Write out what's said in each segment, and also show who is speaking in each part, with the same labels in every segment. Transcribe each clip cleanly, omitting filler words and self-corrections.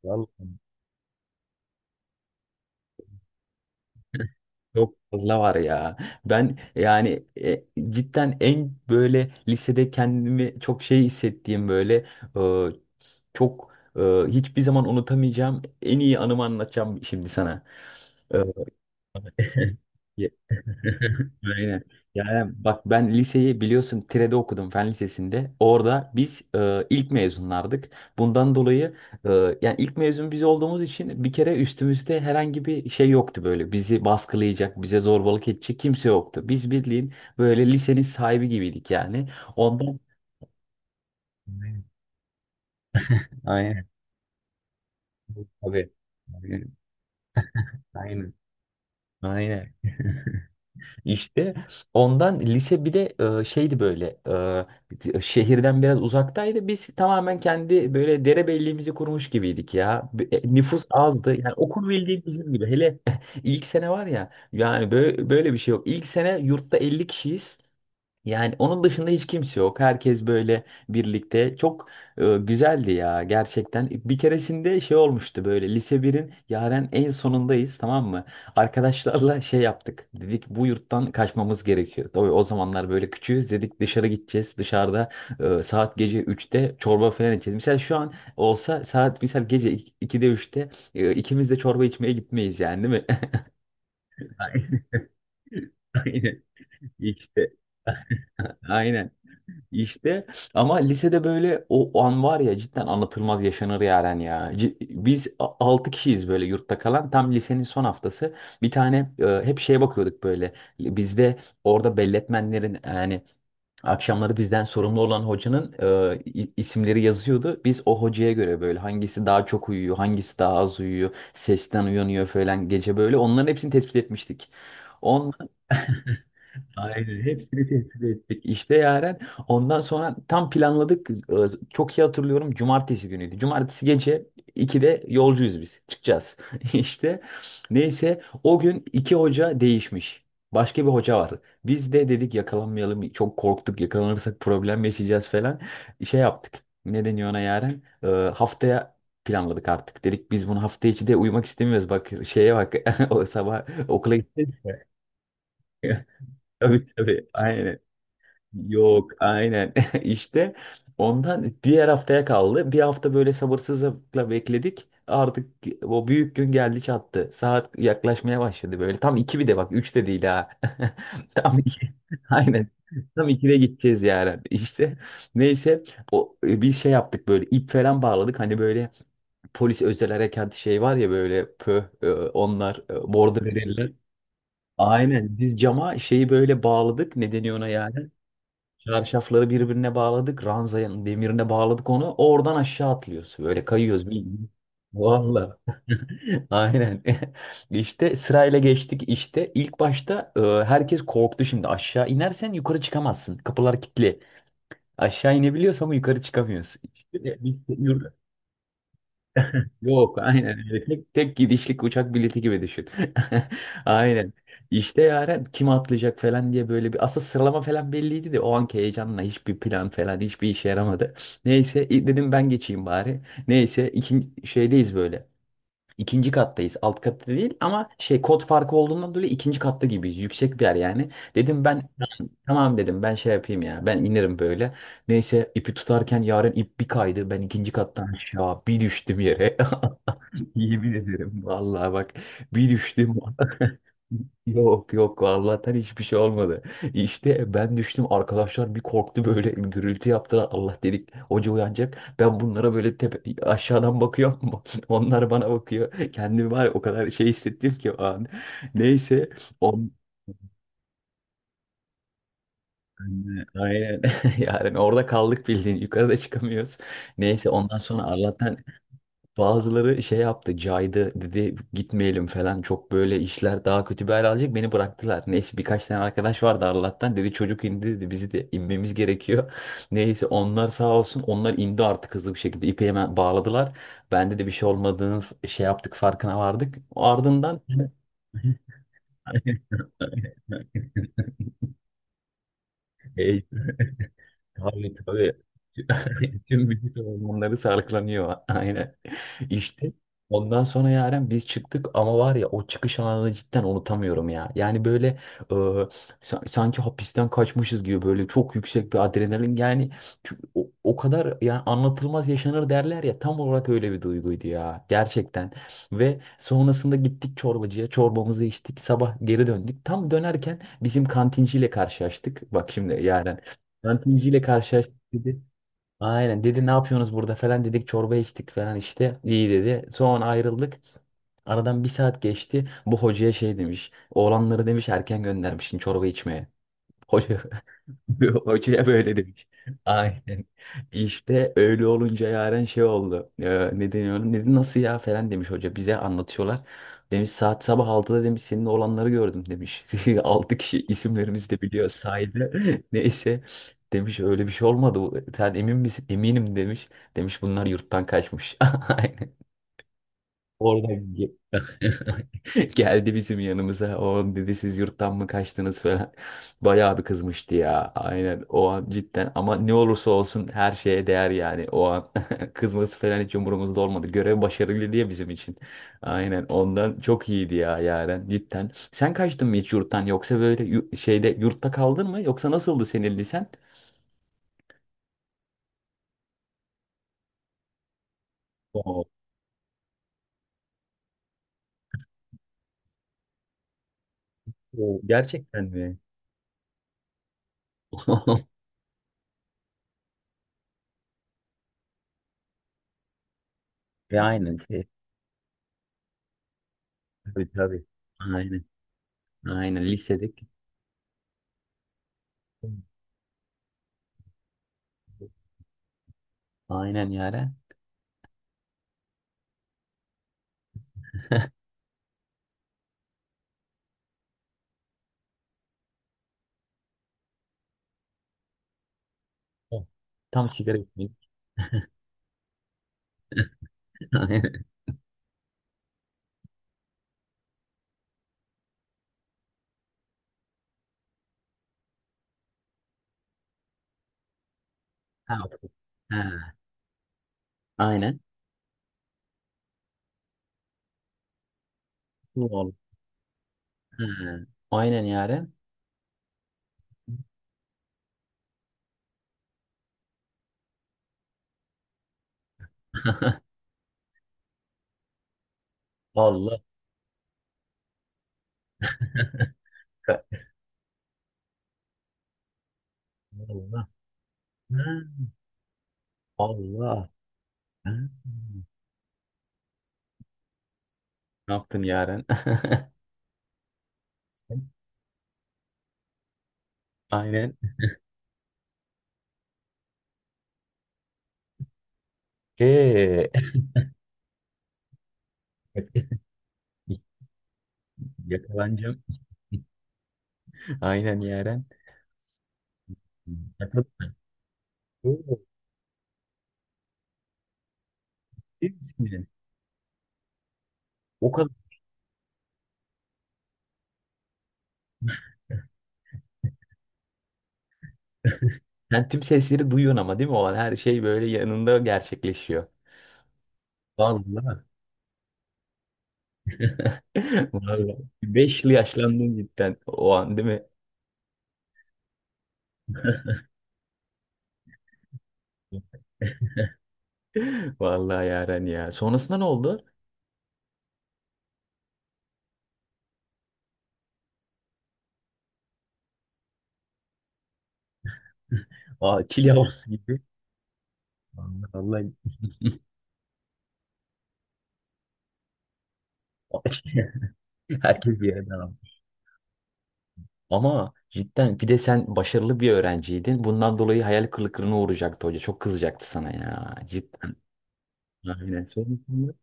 Speaker 1: Vallahi çok fazla var ya. Ben yani cidden en böyle lisede kendimi çok şey hissettiğim e, çok hiçbir zaman unutamayacağım en iyi anımı anlatacağım şimdi sana. E, Ya- Aynen. Yani bak ben liseyi biliyorsun Tire'de okudum fen lisesinde. Orada biz ilk mezunlardık. Bundan dolayı e, yani ilk mezun biz olduğumuz için bir kere üstümüzde herhangi bir şey yoktu böyle. Bizi baskılayacak, bize zorbalık edecek kimse yoktu. Biz bildiğin böyle lisenin sahibi gibiydik yani. Ondan aynen. Aynen. Tabii. Aynen. Aynen. Aynen. İşte ondan lise, bir de şeydi böyle, şehirden biraz uzaktaydı. Biz tamamen kendi böyle derebelliğimizi kurmuş gibiydik ya. Nüfus azdı. Yani okul bildiğin bizim gibi. Hele ilk sene var ya yani böyle bir şey yok. İlk sene yurtta 50 kişiyiz. Yani onun dışında hiç kimse yok. Herkes böyle birlikte. Çok güzeldi ya gerçekten. Bir keresinde şey olmuştu böyle, lise birin yaren en sonundayız, tamam mı? Arkadaşlarla şey yaptık. Dedik bu yurttan kaçmamız gerekiyor. O zamanlar böyle küçüğüz dedik, dışarı gideceğiz. Dışarıda saat gece üçte çorba falan içeceğiz. Mesela şu an olsa saat mesela gece 2'de 3'te ikimiz de çorba içmeye gitmeyiz yani, değil mi? Aynen. Aynen. İşte. Aynen. İşte ama lisede böyle o an var ya, cidden anlatılmaz yaşanır Yaren ya. Biz 6 kişiyiz böyle yurtta kalan. Tam lisenin son haftası bir tane hep şeye bakıyorduk böyle. Bizde orada belletmenlerin, yani akşamları bizden sorumlu olan hocanın isimleri yazıyordu. Biz o hocaya göre böyle hangisi daha çok uyuyor, hangisi daha az uyuyor, sesten uyanıyor falan gece böyle. Onların hepsini tespit etmiştik. Aynen. Hepsini tespit ettik. İşte Yaren. Ondan sonra tam planladık. Çok iyi hatırlıyorum. Cumartesi günüydü. Cumartesi gece 2'de yolcuyuz biz. Çıkacağız. İşte neyse o gün iki hoca değişmiş. Başka bir hoca var. Biz de dedik yakalanmayalım. Çok korktuk. Yakalanırsak problem yaşayacağız falan. Şey yaptık. Ne deniyor ona Yaren? Haftaya planladık artık. Dedik biz bunu hafta içi de uyumak istemiyoruz. Bak şeye bak. O sabah okula gittik. Tabii tabii. Aynen. Yok aynen işte ondan diğer haftaya kaldı. Bir hafta böyle sabırsızlıkla bekledik. Artık o büyük gün geldi çattı. Saat yaklaşmaya başladı böyle. Tam iki, bir de bak üç de değil ha. Tam iki. Aynen. Tam ikide gideceğiz yani. İşte. Neyse biz şey yaptık böyle, ip falan bağladık. Hani böyle polis özel harekat şey var ya böyle, onlar bordo verirler. Aynen biz cama şeyi böyle bağladık. Ne deniyor ona yani? Çarşafları birbirine bağladık. Ranzanın demirine bağladık onu. Oradan aşağı atlıyoruz. Böyle kayıyoruz, bildiğin. Vallahi. Aynen. İşte sırayla geçtik işte. İlk başta herkes korktu şimdi. Aşağı inersen yukarı çıkamazsın. Kapılar kilitli. Aşağı inebiliyorsun ama yukarı çıkamıyorsun. İşte, işte, yürü. Yok aynen öyle. Tek gidişlik uçak bileti gibi düşün. Aynen. İşte yaren kim atlayacak falan diye böyle bir asıl sıralama falan belliydi de o anki heyecanla hiçbir plan falan hiçbir işe yaramadı. Neyse dedim ben geçeyim bari. Neyse ikinci şeydeyiz böyle. İkinci kattayız. Alt katta değil ama şey, kod farkı olduğundan dolayı ikinci katta gibiyiz. Yüksek bir yer yani. Dedim ben tamam dedim ben şey yapayım ya. Ben inerim böyle. Neyse ipi tutarken yaren ip bir kaydı. Ben ikinci kattan aşağı bir düştüm yere. Yemin ederim vallahi bak, bir düştüm. Yok yok, Allah'tan hiçbir şey olmadı. İşte ben düştüm, arkadaşlar bir korktu, böyle bir gürültü yaptılar. Allah dedik hoca uyanacak. Ben bunlara böyle tepe, aşağıdan bakıyorum, onlar bana bakıyor. Kendimi var ya o kadar şey hissettim ki o an. Neyse on, aynen yani orada kaldık bildiğin, yukarıda çıkamıyoruz. Neyse ondan sonra Allah'tan bazıları şey yaptı, caydı, dedi gitmeyelim falan, çok böyle işler daha kötü bir hal alacak, beni bıraktılar. Neyse birkaç tane arkadaş vardı Arlat'tan, dedi çocuk indi dedi, bizi de inmemiz gerekiyor. Neyse onlar sağ olsun, onlar indi artık hızlı bir şekilde ipe hemen bağladılar. Bende de bir şey olmadığını şey yaptık, farkına vardık. Ardından Tabii tabii. Tüm vücut hormonları salgılanıyor. Aynen. İşte ondan sonra Yaren biz çıktık, ama var ya o çıkış anını cidden unutamıyorum ya. Yani böyle e, sanki hapisten kaçmışız gibi, böyle çok yüksek bir adrenalin yani. O kadar yani anlatılmaz yaşanır derler ya, tam olarak öyle bir duyguydu ya gerçekten. Ve sonrasında gittik çorbacıya, çorbamızı içtik, sabah geri döndük. Tam dönerken bizim kantinciyle karşılaştık. Bak şimdi Yaren, kantinciyle karşılaştık dedi. Aynen dedi ne yapıyorsunuz burada falan, dedik çorba içtik falan, işte iyi dedi. Sonra ayrıldık. Aradan bir saat geçti. Bu hocaya şey demiş. Oğlanları demiş erken göndermişsin çorba içmeye. Hoca hocaya böyle demiş. Aynen. İşte öyle olunca yaren şey oldu. Ne deniyor ona? Dedi nasıl ya falan demiş hoca. Bize anlatıyorlar. Demiş saat sabah altıda demiş senin olanları gördüm demiş. 6 kişi, isimlerimizi de biliyor, sahilde. Neyse demiş öyle bir şey olmadı bu. Sen emin misin? Eminim demiş. Demiş bunlar yurttan kaçmış. Aynen. Orada geldi bizim yanımıza. O dedi siz yurttan mı kaçtınız falan. Bayağı bir kızmıştı ya. Aynen o an cidden. Ama ne olursa olsun her şeye değer yani. O an kızması falan hiç umurumuzda olmadı. Görev başarılı diye bizim için. Aynen ondan çok iyiydi ya Yaren cidden. Sen kaçtın mı hiç yurttan, yoksa böyle şeyde yurtta kaldın mı, yoksa nasıldı senin lisen? Oo, oo, gerçekten mi? Ve aynen şey. Tabii tabii. Aynen. Aynen lisedik. Aynen Yaren. Evet. Tam sigara içmeyin. Aynen. Ha, okey. Ha, aynen. Doğru. Ha, aynen yaren. Allah. Ka- Allah. Ha, Allah. Ha. Ne yaptın yaren? Aynen. Okey. Yakalanacağım. Aynen yaren. Yakal- Oo, değil misin? O kadar. Sen tüm sesleri duyuyorsun ama değil mi? Olan her şey böyle yanında gerçekleşiyor. Vallahi. Vallahi 5 yıl yaşlandın cidden o an değil mi? Vallahi Yaren ya. Sonrasında ne oldu? Aa, çil yavrusu gibi. Vallahi, vallahi. Herkes bir yerde aldı. Ama cidden bir de sen başarılı bir öğrenciydin. Bundan dolayı hayal kırıklığına uğrayacaktı hoca. Çok kızacaktı sana ya. Cidden. Aynen. Sonrasında-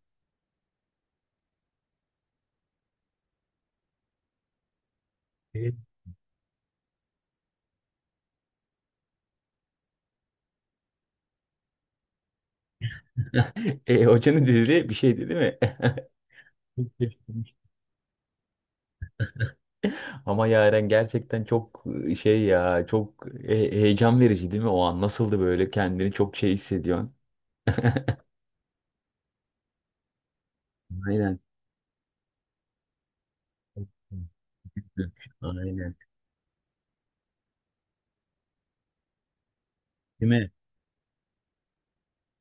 Speaker 1: Evet. Hocanın dediği bir şeydi değil mi? Ama Yaren gerçekten çok heyecan verici değil mi o an? Nasıldı böyle, kendini çok şey hissediyorsun? Aynen. Aynen. Değil mi?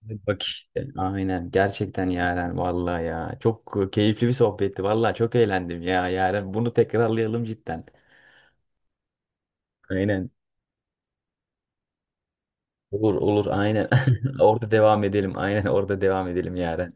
Speaker 1: Bak işte. Aynen gerçekten Yaren vallahi ya. Çok keyifli bir sohbetti vallahi, çok eğlendim ya Yaren. Bunu tekrarlayalım cidden. Aynen. Olur olur aynen. Orada devam edelim. Aynen orada devam edelim Yaren.